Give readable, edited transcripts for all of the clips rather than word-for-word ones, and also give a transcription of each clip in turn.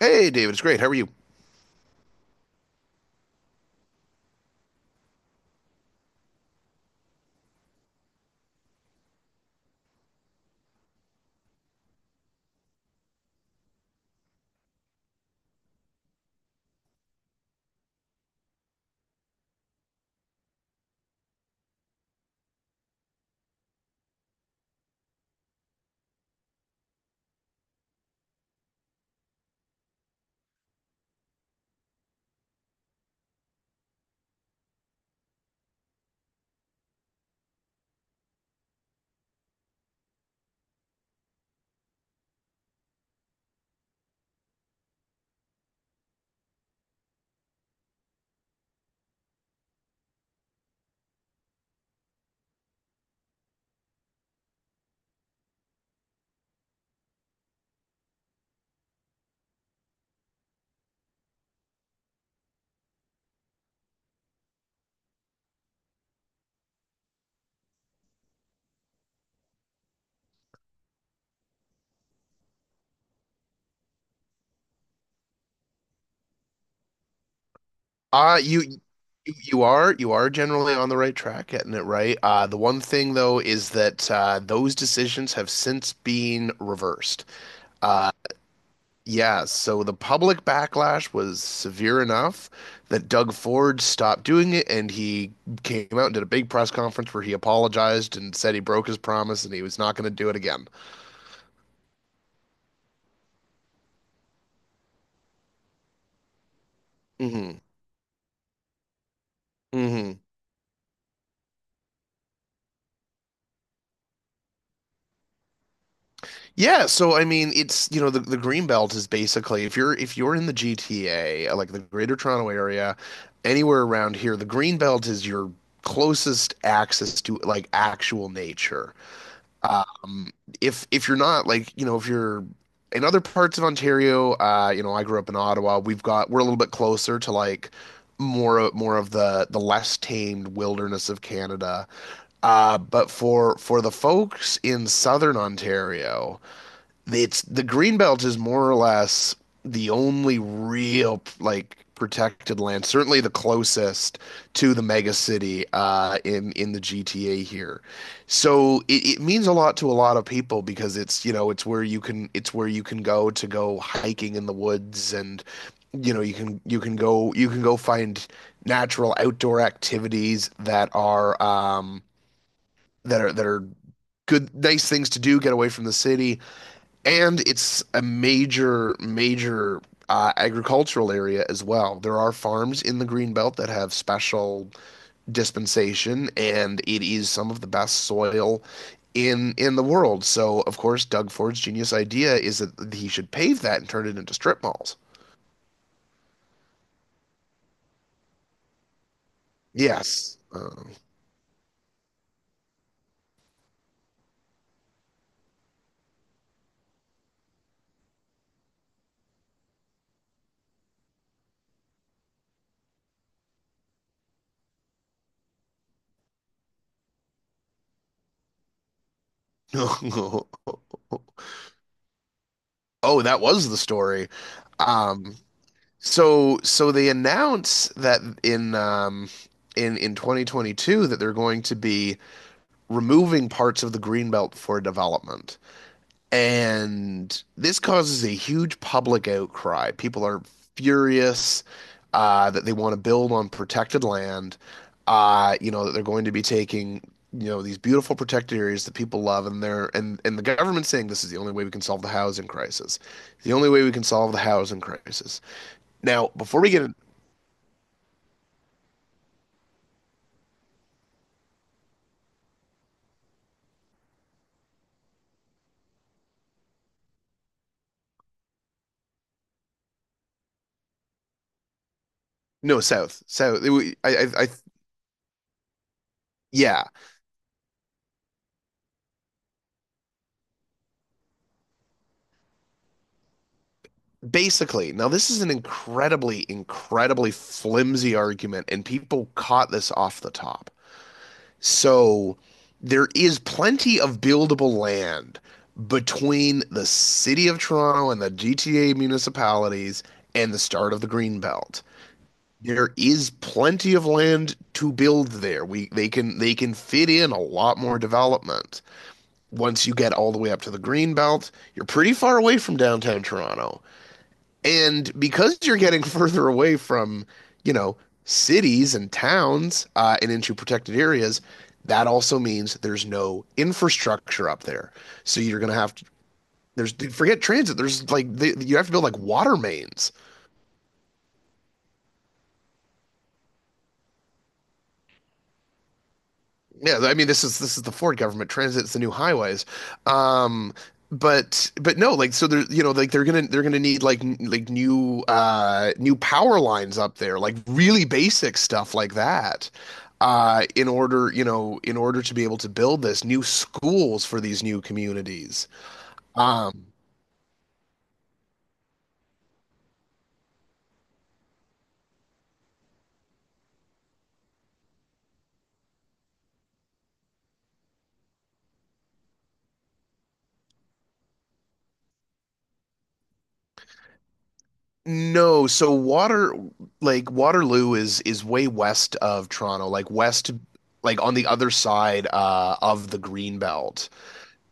Hey, David, it's great. How are you? You you are generally on the right track, getting it right. The one thing though is that those decisions have since been reversed. Uh, yeah, so the public backlash was severe enough that Doug Ford stopped doing it, and he came out and did a big press conference where he apologized and said he broke his promise and he was not going to do it again. hmm hmm Yeah, so I mean, it's you know the green belt is basically if you're in the GTA, like the Greater Toronto Area, anywhere around here. The green belt is your closest access to like actual nature. Um, if you're not like you know if you're in other parts of Ontario, you know, I grew up in Ottawa. We're a little bit closer to like more of the less tamed wilderness of Canada. But for the folks in southern Ontario, it's the Greenbelt is more or less the only real like protected land, certainly the closest to the mega city in the GTA here. So it means a lot to a lot of people because it's you know it's where you can go to go hiking in the woods, and you know you can you can go find natural outdoor activities that are that are that are good nice things to do, get away from the city. And it's a major agricultural area as well. There are farms in the Green Belt that have special dispensation, and it is some of the best soil in the world. So, of course, Doug Ford's genius idea is that he should pave that and turn it into strip malls. Yes. Oh, that was the story. Um, so they announce that in 2022 that they're going to be removing parts of the greenbelt for development. And this causes a huge public outcry. People are furious that they want to build on protected land, you know, that they're going to be taking, you know, these beautiful protected areas that people love. And they're and the government's saying this is the only way we can solve the housing crisis. The only way we can solve the housing crisis. Now, before we get in, no, south, south. It w- I- Yeah. Basically, now this is an incredibly flimsy argument, and people caught this off the top. So there is plenty of buildable land between the city of Toronto and the GTA municipalities and the start of the Green Belt. There is plenty of land to build there. We They can fit in a lot more development. Once you get all the way up to the Green Belt, you're pretty far away from downtown Toronto. And because you're getting further away from, you know, cities and towns and into protected areas, that also means there's no infrastructure up there. So you're going to have to, forget transit, you have to build like water mains. Yeah, I mean, this is the Ford government. Transit's the new highways. Um but No, like so they're you know like they're gonna need like like new new power lines up there, like really basic stuff like that. In order, you know, in order to be able to build this new schools for these new communities. Um no, so water like Waterloo is way west of Toronto, like west, like on the other side of the Green Belt.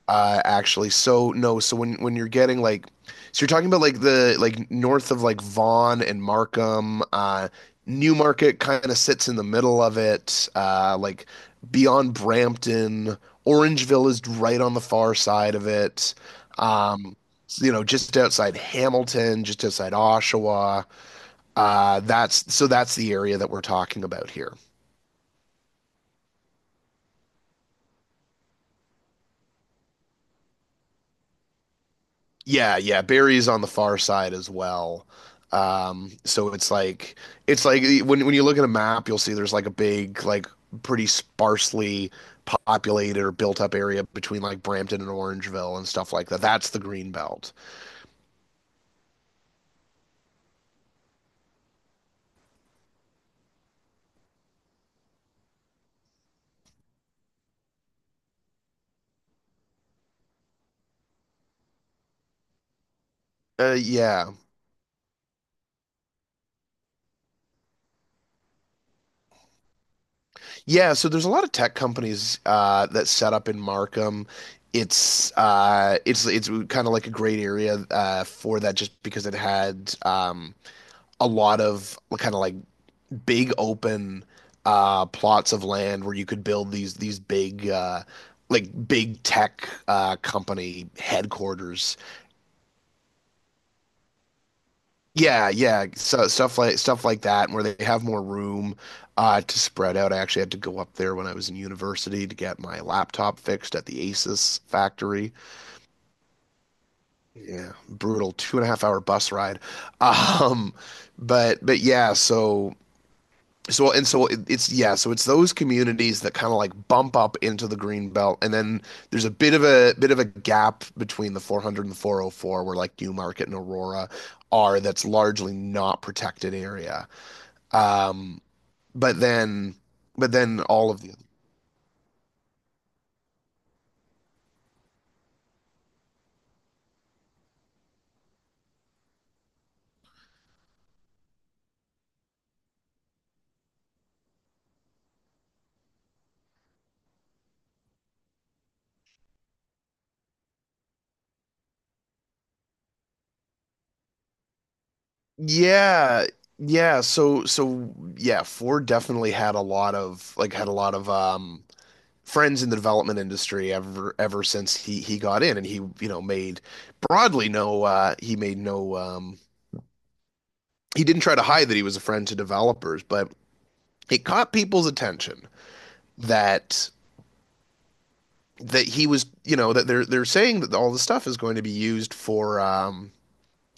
Actually, so no, so when you're getting like, so you're talking about like the like north of like Vaughan and Markham, Newmarket kind of sits in the middle of it, like beyond Brampton. Orangeville is right on the far side of it. Um, so, you know, just outside Hamilton, just outside Oshawa. That's so that's the area that we're talking about here. Yeah. Barry's on the far side as well. So it's like when you look at a map, you'll see there's like a big, like pretty sparsely populated or built up area between like Brampton and Orangeville and stuff like that. That's the Green Belt. Yeah. Yeah, so there's a lot of tech companies that set up in Markham. It's it's kind of like a great area for that, just because it had a lot of kind of like big open plots of land where you could build these big like big tech company headquarters. Yeah, yeah. So stuff like that, where they have more room to spread out. I actually had to go up there when I was in university to get my laptop fixed at the Asus factory. Yeah, brutal 2.5 hour bus ride. But yeah, so so and so it, it's yeah, so it's those communities that kind of like bump up into the green belt, and then there's a bit of a gap between the 400 and the 404, where like Newmarket and Aurora are. That's largely not protected area. Um but then but then all of the other Yeah. Yeah, Ford definitely had a lot of like had a lot of friends in the development industry ever since he got in, and he, you know, made broadly no, he made he didn't try to hide that he was a friend to developers. But it caught people's attention that he was, you know, that they're saying that all the stuff is going to be used for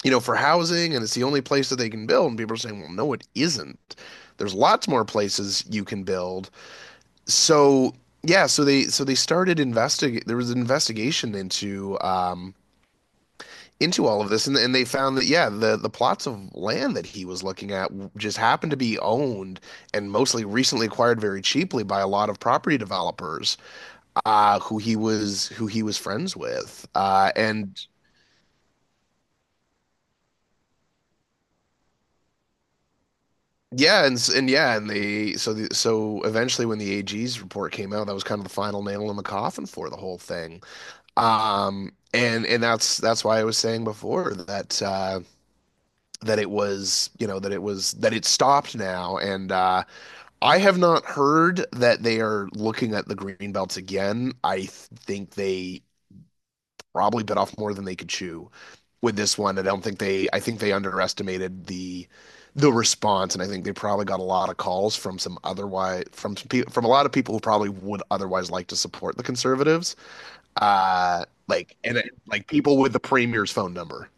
you know, for housing, and it's the only place that they can build. And people are saying, well, no it isn't, there's lots more places you can build. So yeah so they so they started investig there was an investigation into all of this, and they found that yeah, the plots of land that he was looking at just happened to be owned and mostly recently acquired very cheaply by a lot of property developers, who he was friends with, and. Yeah, and they, so the, so eventually when the AG's report came out, that was kind of the final nail in the coffin for the whole thing. And that's why I was saying before that that it was, you know, that it was, that it stopped now. And I have not heard that they are looking at the green belts again. Think they probably bit off more than they could chew with this one. I don't think they, I think they underestimated the response, and I think they probably got a lot of calls from some otherwise from some people from a lot of people who probably would otherwise like to support the conservatives. Like and it, like people with the premier's phone number.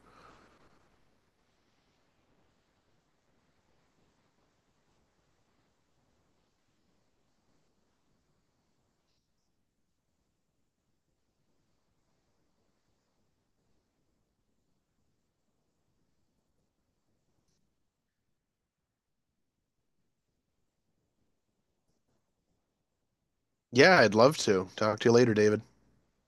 Yeah, I'd love to talk to you later, David.